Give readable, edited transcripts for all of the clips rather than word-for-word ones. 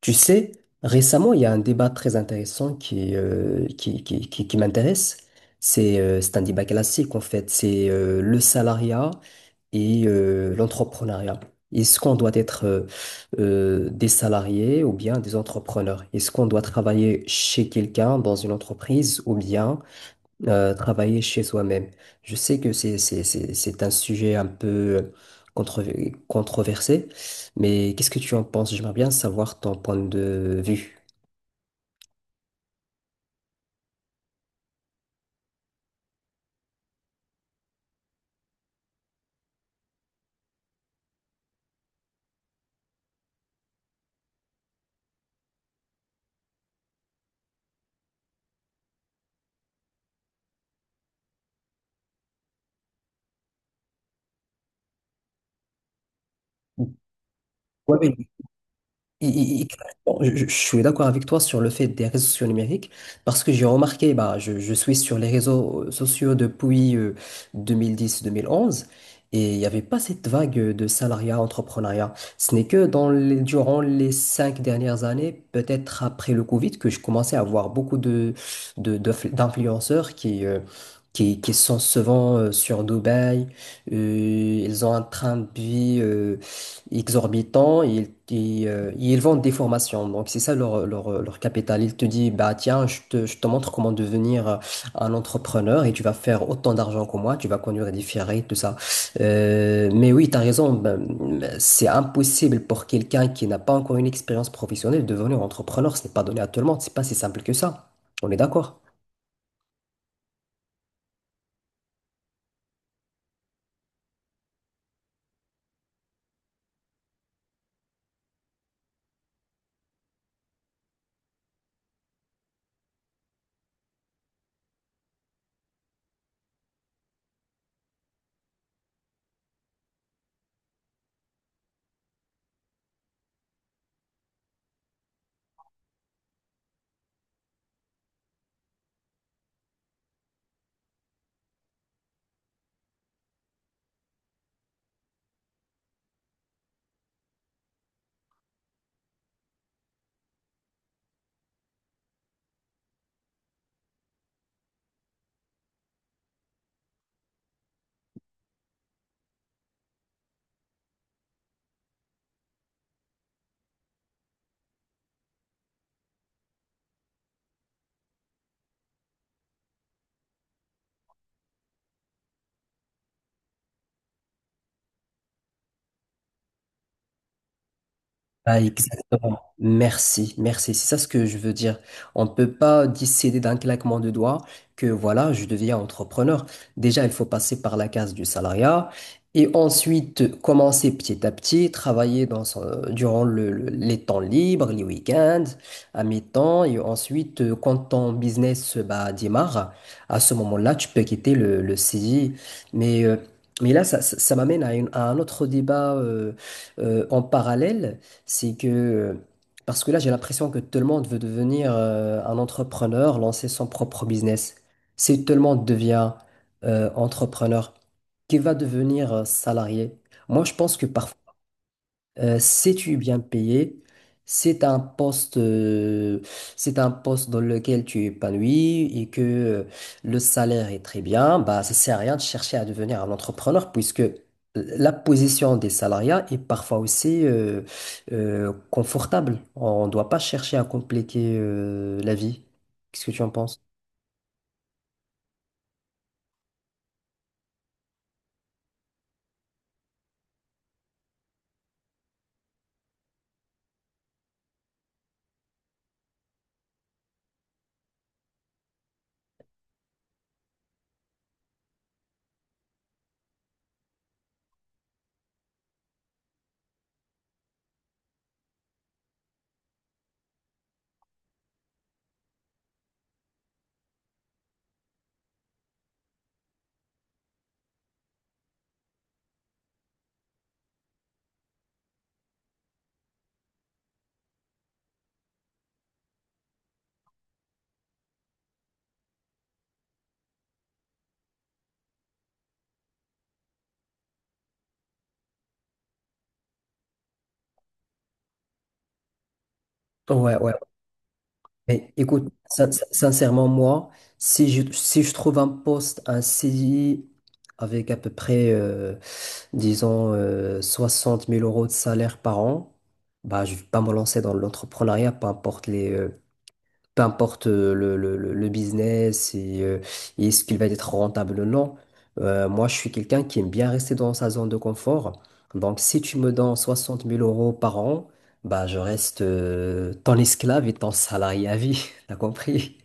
Tu sais, récemment, il y a un débat très intéressant qui m'intéresse. C'est un débat classique, en fait. C'est le salariat et l'entrepreneuriat. Est-ce qu'on doit être des salariés ou bien des entrepreneurs? Est-ce qu'on doit travailler chez quelqu'un dans une entreprise ou bien travailler chez soi-même. Je sais que c'est un sujet un peu controversé, mais qu'est-ce que tu en penses? J'aimerais bien savoir ton point de vue. Et clairement, suis d'accord avec toi sur le fait des réseaux sociaux numériques parce que j'ai remarqué, bah, je suis sur les réseaux sociaux depuis 2010-2011 et il n'y avait pas cette vague de salariat, entrepreneuriat. Ce n'est que durant les cinq dernières années, peut-être après le Covid, que je commençais à voir beaucoup d'influenceurs qui sont souvent sur Dubaï. Euh, ils ont un train de vie exorbitants. Ils vendent des formations. Donc, c'est ça leur capital. Ils te disent, bah, tiens, je te montre comment devenir un entrepreneur et tu vas faire autant d'argent que moi, tu vas conduire des Ferrari, tout ça. Mais oui, tu as raison, ben, c'est impossible pour quelqu'un qui n'a pas encore une expérience professionnelle de devenir entrepreneur. Ce n'est pas donné à tout le monde, c'est pas si simple que ça. On est d'accord? Ah, exactement. Merci, merci. C'est ça ce que je veux dire. On ne peut pas décider d'un claquement de doigts que voilà, je deviens entrepreneur. Déjà, il faut passer par la case du salariat et ensuite commencer petit à petit, travailler dans son- durant le- les temps libres, les week-ends, à mi-temps. Et ensuite, quand ton business bah, démarre, à ce moment-là, tu peux quitter le CDI. Mais, euh, mais là, ça m'amène à un autre débat en parallèle, c'est que, parce que là, j'ai l'impression que tout le monde veut devenir un entrepreneur, lancer son propre business. Si tout le monde devient entrepreneur, qui va devenir salarié? Moi, je pense que parfois, sais-tu bien payé? C'est un poste, euh, c'est un poste dans lequel tu es épanoui et que le salaire est très bien. Bah, ça sert à rien de chercher à devenir un entrepreneur puisque la position des salariés est parfois aussi confortable. On ne doit pas chercher à compliquer la vie. Qu'est-ce que tu en penses? Ouais, ouais. Mais écoute, sincèrement, moi, si je trouve un poste, un CDI avec à peu près disons, 60 000 euros de salaire par an, bah, je ne vais pas me lancer dans l'entrepreneuriat, peu importe le business et est-ce qu'il va être rentable ou non. Moi, je suis quelqu'un qui aime bien rester dans sa zone de confort. Donc, si tu me donnes 60 000 euros par an, bah, je reste ton esclave et ton salarié à vie. T'as compris?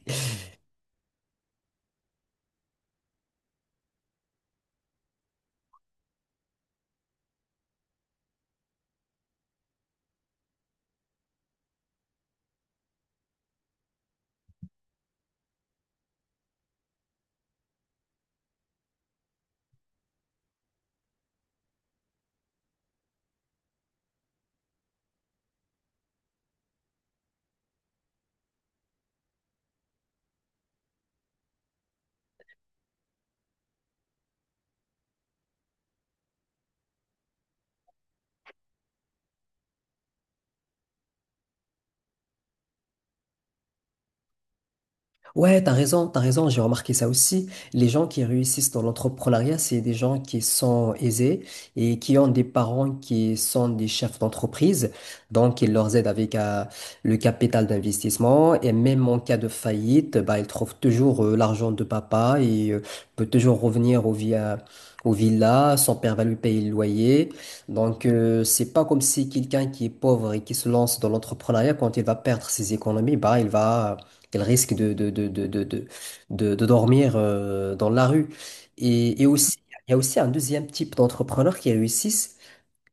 Ouais, t'as raison, j'ai remarqué ça aussi. Les gens qui réussissent dans l'entrepreneuriat, c'est des gens qui sont aisés et qui ont des parents qui sont des chefs d'entreprise. Donc, ils leur aident avec le capital d'investissement et même en cas de faillite, bah, ils trouvent toujours l'argent de papa et peut toujours revenir Au villa, son père va lui payer le loyer. Donc, c'est pas comme si quelqu'un qui est pauvre et qui se lance dans l'entrepreneuriat, quand il va perdre ses économies, bah, qu'elle risque de dormir dans la rue. Et aussi, il y a aussi un deuxième type d'entrepreneurs qui réussissent,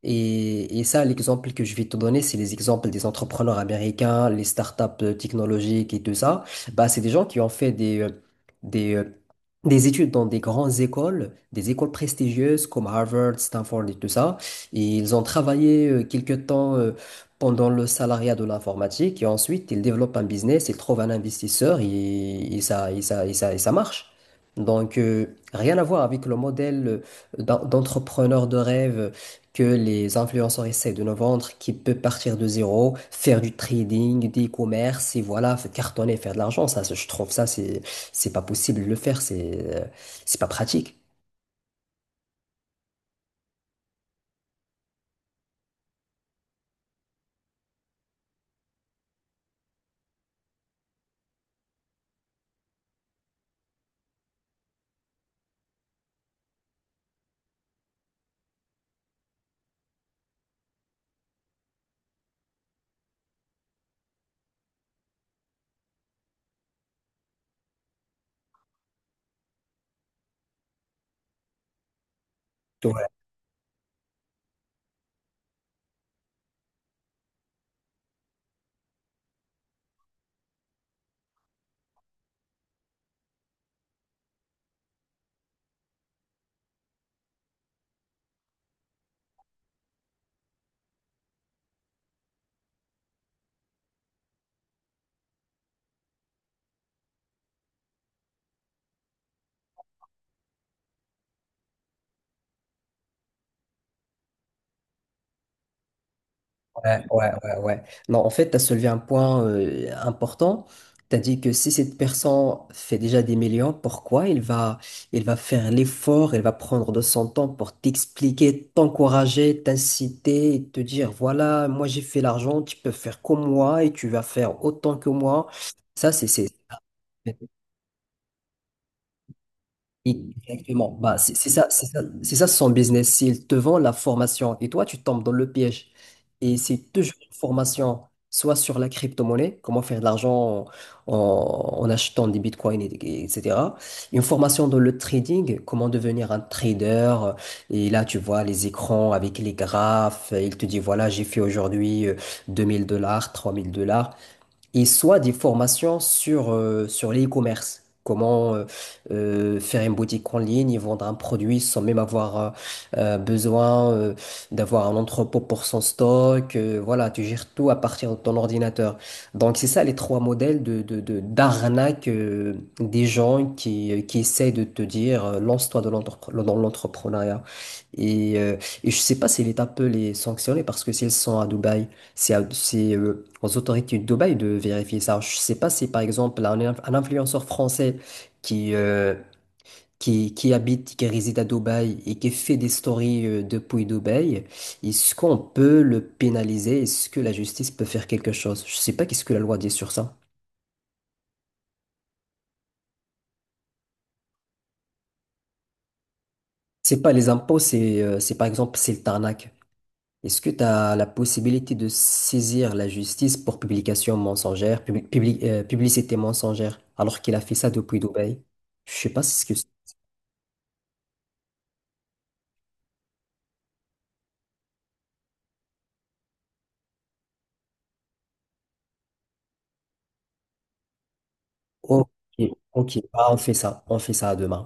et ça, l'exemple que je vais te donner, c'est les exemples des entrepreneurs américains, les startups technologiques et tout ça. Bah, c'est des gens qui ont fait des, euh, des études dans des grandes écoles, des écoles prestigieuses comme Harvard, Stanford et tout ça. Et ils ont travaillé quelque temps pendant le salariat de l'informatique et ensuite ils développent un business, ils trouvent un investisseur et ça marche. Donc, rien à voir avec le modèle d'entrepreneur de rêve que les influenceurs essaient de nous vendre, qui peut partir de zéro, faire du trading, des commerces, et voilà, faire cartonner, faire de l'argent. Ça, je trouve ça, c'est pas possible de le faire, c'est pas pratique. Ouais, ouais, ouais, ouais. Non, en fait, tu as soulevé un point important. Tu as dit que si cette personne fait déjà des millions, pourquoi il va faire l'effort, il va prendre de son temps pour t'expliquer, t'encourager, t'inciter, et te dire, voilà, moi j'ai fait l'argent, tu peux faire comme moi et tu vas faire autant que moi. Ça, c'est... Exactement. Bah, c'est ça son business. S'il te vend la formation et toi, tu tombes dans le piège. Et c'est toujours une formation, soit sur la crypto-monnaie, comment faire de l'argent achetant des bitcoins, etc. Une formation dans le trading, comment devenir un trader. Et là, tu vois les écrans avec les graphes. Il te dit, voilà, j'ai fait aujourd'hui 2000 dollars, 3 000 $ et soit des formations sur l'e-commerce. Comment faire une boutique en ligne et vendre un produit sans même avoir besoin d'avoir un entrepôt pour son stock. Voilà, tu gères tout à partir de ton ordinateur. Donc, c'est ça les trois modèles d'arnaque des gens qui essaient de te dire lance-toi dans l'entrepreneuriat. Et, euh, et je sais pas si l'État peut les sanctionner parce que s'ils sont à Dubaï, aux autorités de Dubaï de vérifier ça. Je ne sais pas si, par exemple, un influenceur français qui, euh, qui habite, qui réside à Dubaï et qui fait des stories depuis Dubaï, est-ce qu'on peut le pénaliser? Est-ce que la justice peut faire quelque chose? Je ne sais pas qu'est-ce que la loi dit sur ça. C'est pas les impôts, c'est par exemple, c'est le tarnac. Est-ce que tu as la possibilité de saisir la justice pour publication mensongère, publicité mensongère, alors qu'il a fait ça depuis Dubaï? Je sais pas si c'est ce que c'est. Ok, ok, ah, on fait ça demain.